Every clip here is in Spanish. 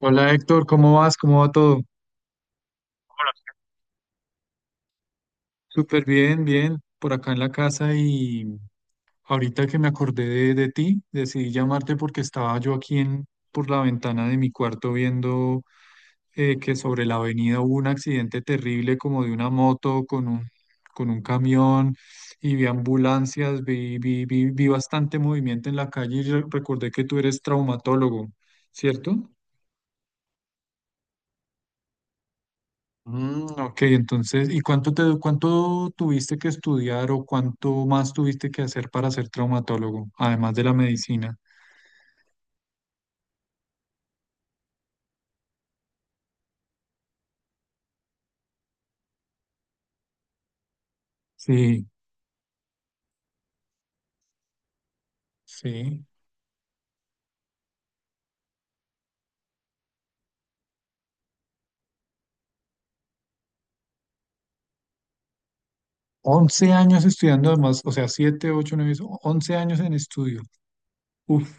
Hola Héctor, ¿cómo vas? ¿Cómo va todo? Súper bien, bien, por acá en la casa y ahorita que me acordé de ti, decidí llamarte porque estaba yo aquí en, por la ventana de mi cuarto viendo que sobre la avenida hubo un accidente terrible como de una moto con un camión y vi ambulancias, vi bastante movimiento en la calle y recordé que tú eres traumatólogo, ¿cierto? Mm, ok, entonces, ¿y cuánto tuviste que estudiar o cuánto más tuviste que hacer para ser traumatólogo, además de la medicina? Sí, sí. Once años estudiando además, o sea, 7, 8, 9, 11 años en estudio. Uf,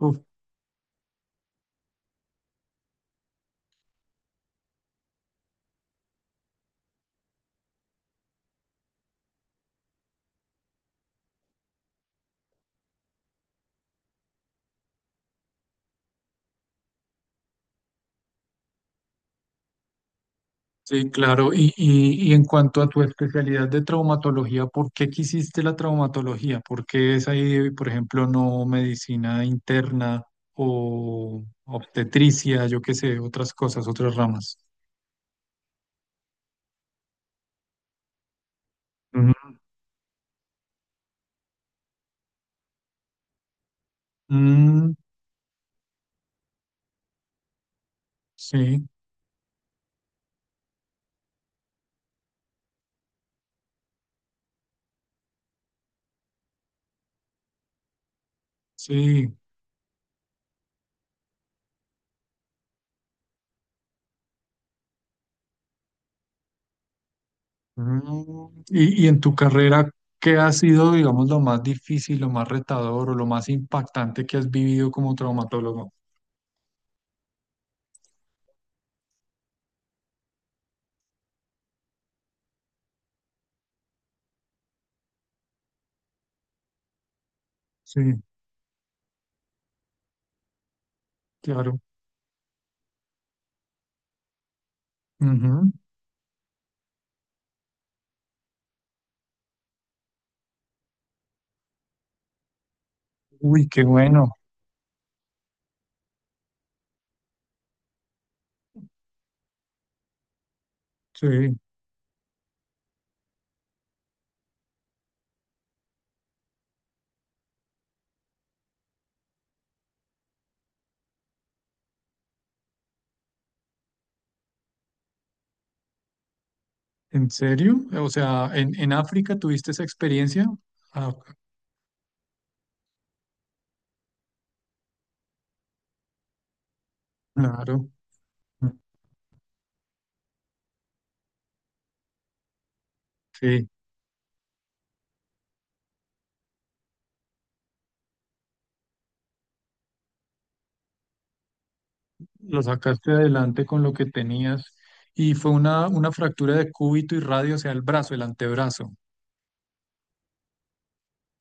uf. Sí, claro. Y en cuanto a tu especialidad de traumatología, ¿por qué quisiste la traumatología? ¿Por qué es ahí, por ejemplo, no medicina interna o obstetricia, yo qué sé, otras cosas, otras ramas? Mm, sí, sí. Mm, y en tu carrera, ¿qué ha sido, digamos, lo más difícil, lo más retador o lo más impactante que has vivido como traumatólogo? Sí, claro. Ujú. Uy, qué bueno. Sí. ¿En serio? O sea, en África tuviste esa experiencia? Ah, claro. Sí, lo sacaste adelante con lo que tenías. Y fue una fractura de cúbito y radio, o sea, el brazo, el antebrazo.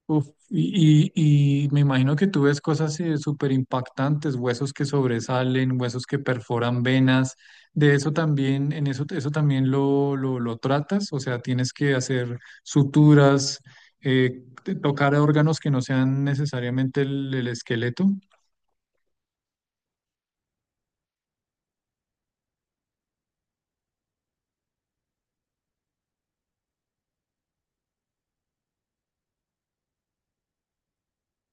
Uf, y, y me imagino que tú ves cosas súper impactantes, huesos que sobresalen, huesos que perforan venas. De eso también, en eso, eso también lo tratas, o sea, tienes que hacer suturas, tocar órganos que no sean necesariamente el esqueleto.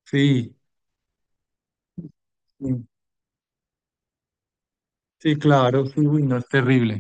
Sí, sí, sí, claro, sí, uy, no es terrible.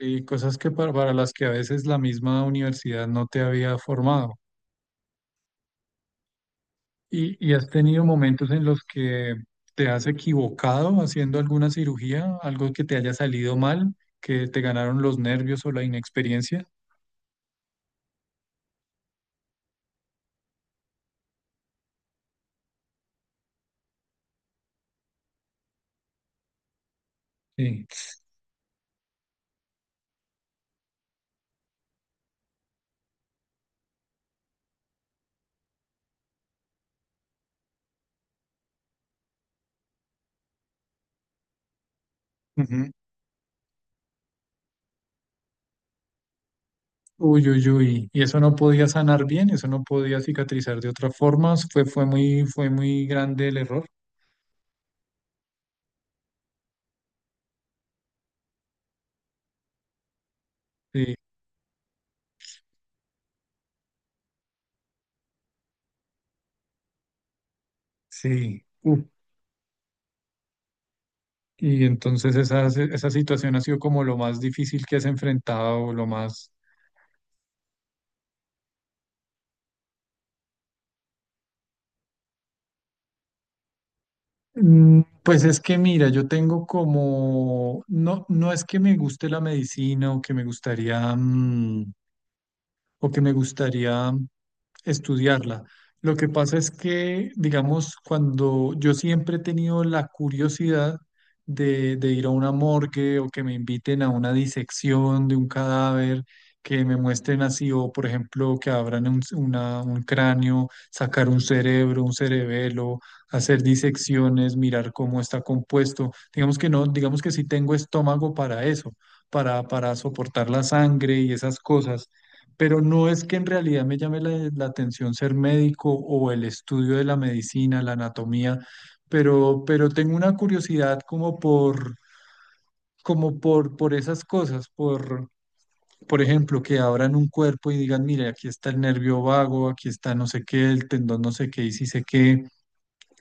Y cosas que para las que a veces la misma universidad no te había formado. Y has tenido momentos en los que te has equivocado haciendo alguna cirugía, algo que te haya salido mal, que te ganaron los nervios o la inexperiencia. Sí. Ujú. Uy, uy, uy. Y eso no podía sanar bien, eso no podía cicatrizar de otra forma. Fue muy grande el error. Sí, sí. Uf. Y entonces esa situación ha sido como lo más difícil que has enfrentado, lo más. Mm, pues es que mira, yo tengo como, no, no es que me guste la medicina o que me gustaría, o que me gustaría estudiarla. Lo que pasa es que, digamos, cuando yo siempre he tenido la curiosidad de ir a una morgue o que me inviten a una disección de un cadáver, que me muestren así, o por ejemplo, que abran un, un cráneo, sacar un cerebro, un cerebelo, hacer disecciones, mirar cómo está compuesto. Digamos que no, digamos que sí tengo estómago para eso, para soportar la sangre y esas cosas, pero no es que en realidad me llame la atención ser médico o el estudio de la medicina, la anatomía, pero tengo una curiosidad como por, como por esas cosas, por ejemplo, que abran un cuerpo y digan, mire, aquí está el nervio vago, aquí está no sé qué, el tendón no sé qué y sí sé qué,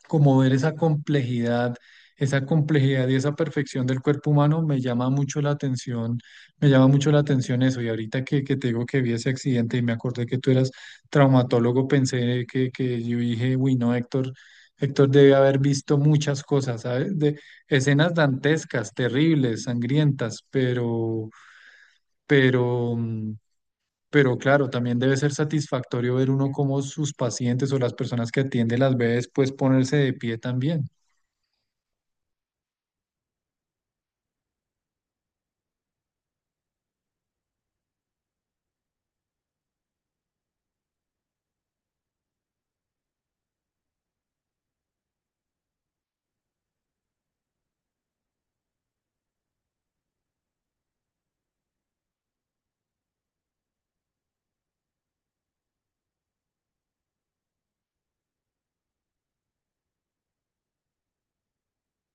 como ver esa complejidad y esa perfección del cuerpo humano me llama mucho la atención, me llama mucho la atención eso. Y ahorita que te digo que vi ese accidente y me acordé que tú eras traumatólogo, pensé que yo dije, uy, no, Héctor, Héctor debe haber visto muchas cosas, ¿sabes? De escenas dantescas, terribles, sangrientas, pero, mm, pero claro, también debe ser satisfactorio ver uno cómo sus pacientes o las personas que atiende las ve después ponerse de pie también.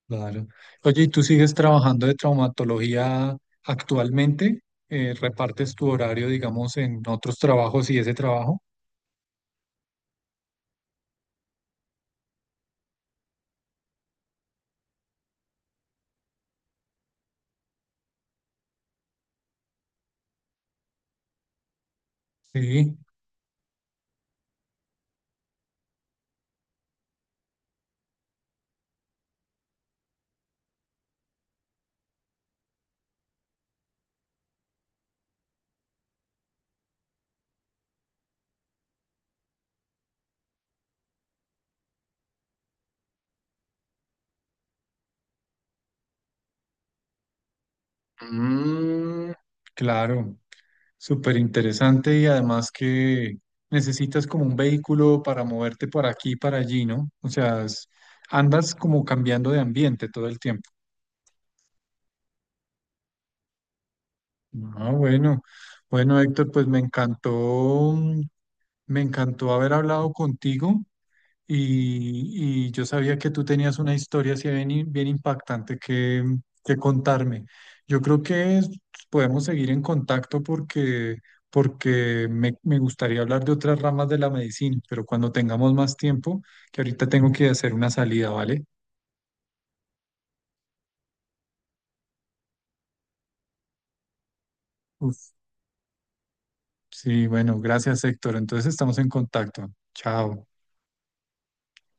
Claro. Oye, ¿y tú sigues trabajando de traumatología actualmente? ¿Repartes tu horario, digamos, en otros trabajos y ese trabajo? Sí, mm, claro. Súper interesante y además que necesitas como un vehículo para moverte por aquí y para allí, ¿no? Andas como cambiando de ambiente todo el tiempo. Ah, bueno. Bueno, Héctor, pues me encantó, me encantó haber hablado contigo. Y yo sabía que tú tenías una historia así bien impactante que contarme. Yo creo que podemos seguir en contacto porque, porque me gustaría hablar de otras ramas de la medicina, pero cuando tengamos más tiempo, que ahorita tengo que hacer una salida, ¿vale? Uf, sí, bueno, gracias, Héctor. Entonces estamos en contacto. Chao.